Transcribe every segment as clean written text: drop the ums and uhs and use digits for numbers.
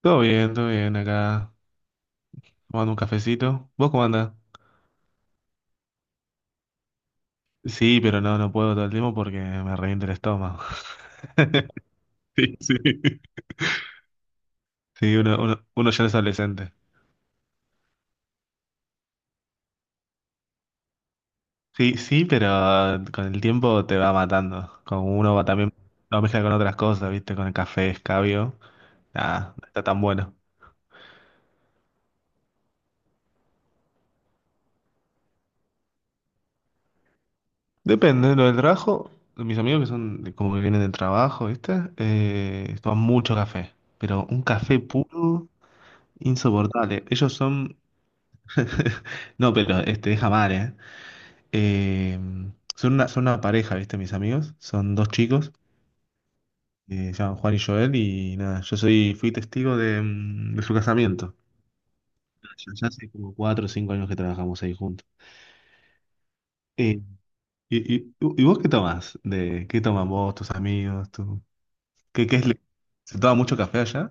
Todo bien acá, tomando un cafecito. ¿Vos cómo andás? Sí, pero no, no puedo todo el tiempo porque me revienta el estómago. Sí, sí. Sí, uno ya es adolescente. Sí, sí, pero con el tiempo te va matando. Como uno va también lo mezcla con otras cosas, ¿viste? Con el café, escabio. Nada, no está tan bueno. Depende, lo del trabajo, mis amigos que son de- como que vienen del trabajo, ¿viste? Toman mucho café, pero un café puro, insoportable. Ellos son No, pero este, deja mal, ¿eh? Eh, son una pareja, ¿viste? Mis amigos. Son dos chicos, se llaman Juan y Joel, y nada, yo soy, fui testigo de, de su casamiento. Ya, ya hace como 4 o 5 años que trabajamos ahí juntos. Eh, ¿Y vos qué tomás? De, ¿qué toman vos, tus amigos? Tu ¿qué, qué es? Lo- ¿se toma mucho café allá?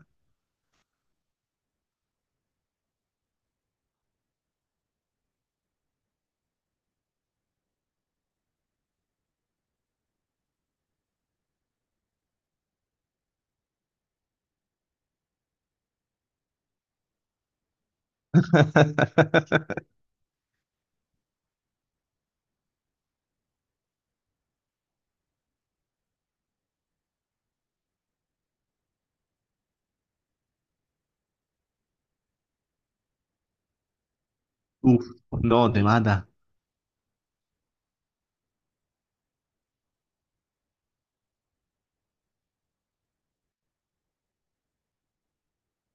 Uf, no, te mata.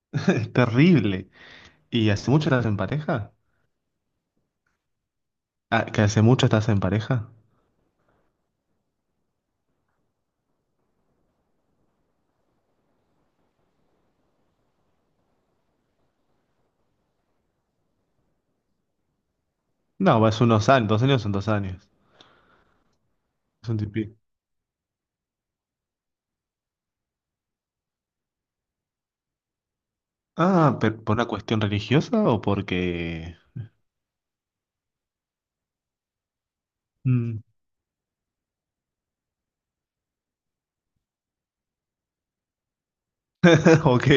Es terrible. ¿Y hace mucho estás en pareja? Ah, ¿que hace mucho estás en pareja? No, es unos años, 2 años son 2 años. Es un tipi. Ah, pero ¿por una cuestión religiosa o porque...? Mm. Ok.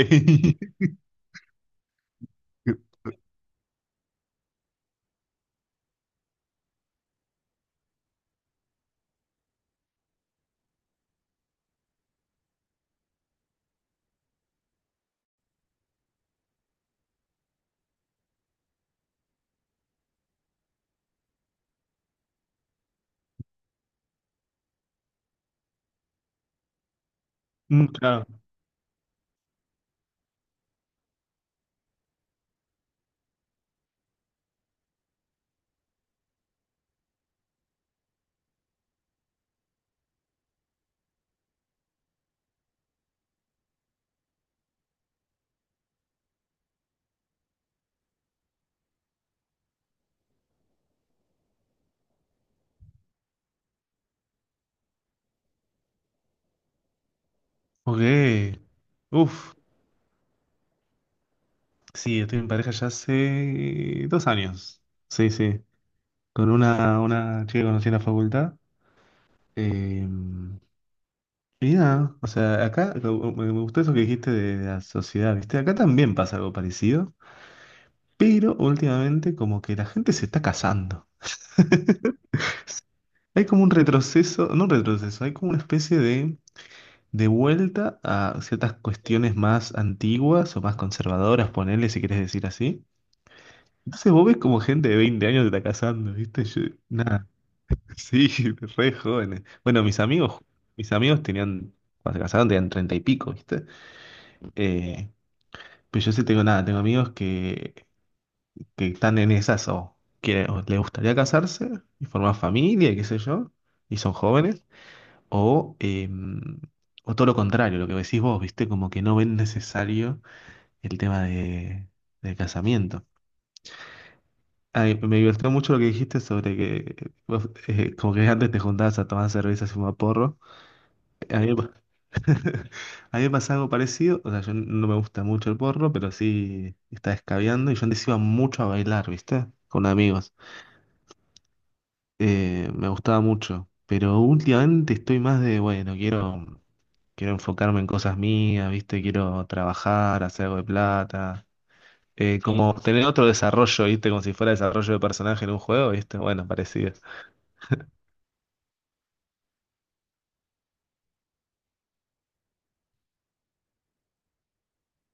Mm, claro. Ok. Uf. Sí, estoy en pareja ya hace 2 años. Sí, sí. Con una chica que conocí en la facultad. Eh, y nada, o sea, acá lo- me gustó eso que dijiste de la sociedad, ¿viste? Acá también pasa algo parecido, pero últimamente como que la gente se está casando. Hay como un retroceso, no un retroceso, hay como una especie de vuelta a ciertas cuestiones más antiguas o más conservadoras, ponele si quieres decir así. Entonces vos ves como gente de 20 años se está casando, ¿viste? Yo, nada, sí, re jóvenes. Bueno, mis amigos tenían, cuando se casaron tenían 30 y pico, ¿viste? Eh, pero yo sí tengo nada, tengo amigos que están en esas o que o les gustaría casarse y formar familia, y qué sé yo, y son jóvenes. O, eh, o todo lo contrario, lo que decís vos, ¿viste? Como que no ven necesario el tema de, del casamiento. Ay, me divirtió mucho lo que dijiste sobre que vos, como que antes te juntabas a tomar cerveza y fumar porro. A mí, me pa- a mí me pasa algo parecido, o sea, yo no me gusta mucho el porro, pero sí está escabeando y yo antes iba mucho a bailar, ¿viste? Con amigos. Me gustaba mucho, pero últimamente estoy más de, bueno, quiero... Quiero enfocarme en cosas mías, ¿viste? Quiero trabajar, hacer algo de plata. Sí. Como tener otro desarrollo, ¿viste? Como si fuera desarrollo de personaje en un juego, ¿viste? Bueno, parecido.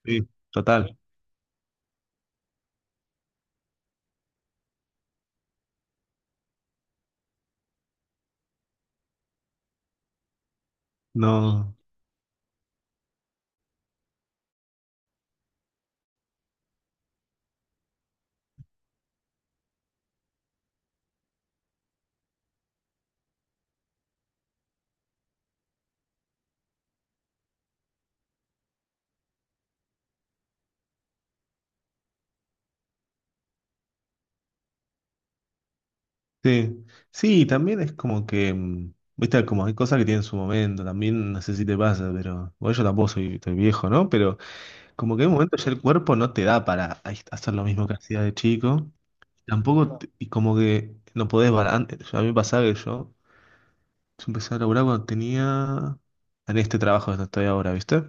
Sí. Total. No. Sí. Sí, también es como que, ¿viste? Como hay cosas que tienen su momento, también no sé si te pasa, pero bueno, yo tampoco soy, estoy viejo, ¿no? Pero como que en un momento ya el cuerpo no te da para ahí- hacer lo mismo que hacía de chico. Tampoco, te- y como que no podés, balan- a mí me pasaba que yo... Yo empecé a laburar cuando tenía... En este trabajo donde estoy ahora, ¿viste?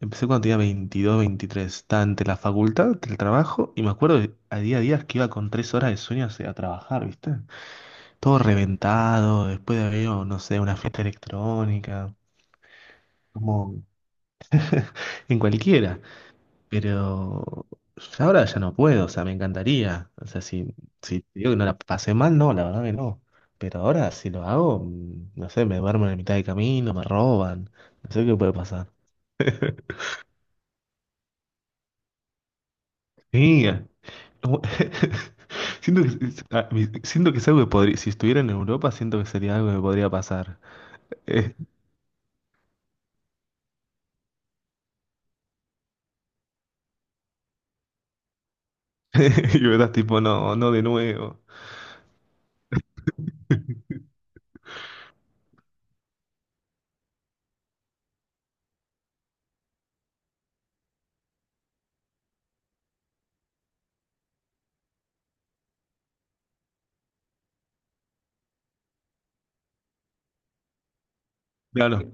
Empecé cuando tenía 22, 23. Estaba entre la facultad, entre el trabajo. Y me acuerdo de- a día que iba con 3 horas de sueño hacia- a trabajar, ¿viste? Todo reventado, después de haber ido, no sé, a una fiesta electrónica. Como en cualquiera. Pero ahora ya no puedo, o sea, me encantaría. O sea, si, si te digo que no la pasé mal, no, la verdad que no. Pero ahora si lo hago, no sé, me duermo en la mitad del camino, me roban, no sé qué puede pasar. Sí, como- siento que, es- a mí- siento que es algo que podría, si estuviera en Europa, siento que sería algo que podría pasar. Eh, y verás, tipo, no, no de nuevo. Claro,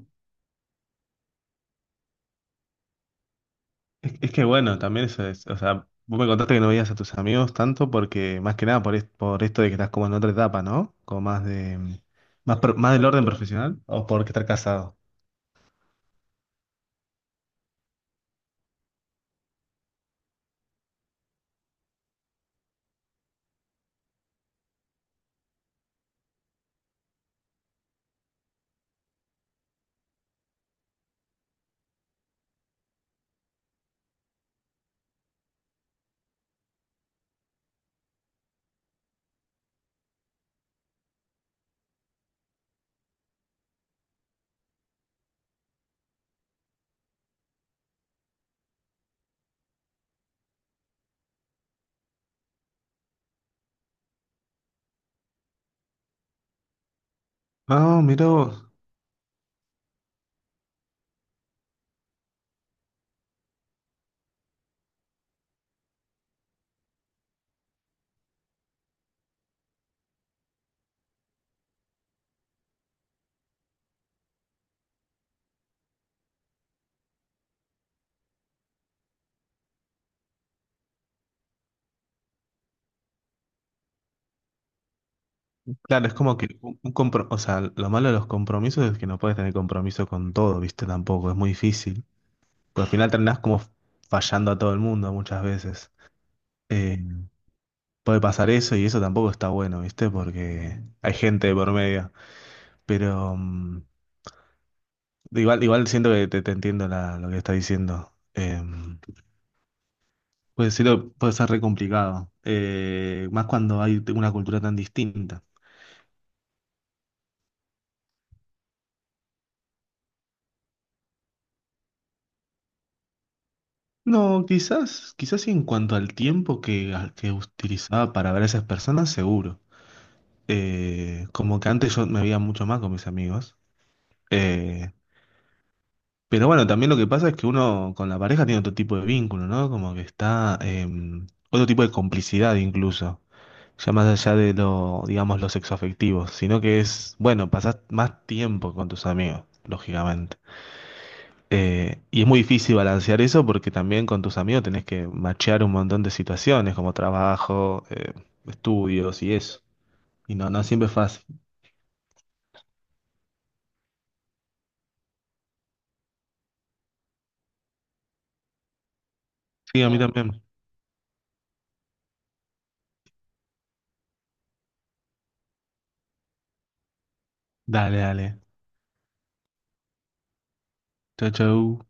es que bueno, también eso es, o sea, vos me contaste que no veías a tus amigos tanto porque, más que nada, por, es- por esto de que estás como en otra etapa, ¿no? Como más de, más, pro- más del orden profesional o porque estar casado. No, mira vos. Claro, es como que un compro- o sea, lo malo de los compromisos es que no puedes tener compromiso con todo, ¿viste? Tampoco, es muy difícil. Porque al final terminás como fallando a todo el mundo muchas veces. Eh, puede pasar eso y eso tampoco está bueno, ¿viste? Porque hay gente de por medio. Pero... igual, igual siento que te entiendo la- lo que estás diciendo. Puede ser, puede ser re complicado. Más cuando hay una cultura tan distinta. No, quizás, quizás sí en cuanto al tiempo que utilizaba para ver a esas personas, seguro. Como que antes yo me veía mucho más con mis amigos. Eh, pero bueno, también lo que pasa es que uno con la pareja tiene otro tipo de vínculo, ¿no? Como que está, otro tipo de complicidad incluso. Ya más allá de lo, digamos, los sexoafectivos, sino que es, bueno, pasás más tiempo con tus amigos, lógicamente. Y es muy difícil balancear eso porque también con tus amigos tenés que machear un montón de situaciones como trabajo, estudios y eso. Y no, no siempre es fácil. Sí, a mí claro. También. Dale, dale. Chau, chau.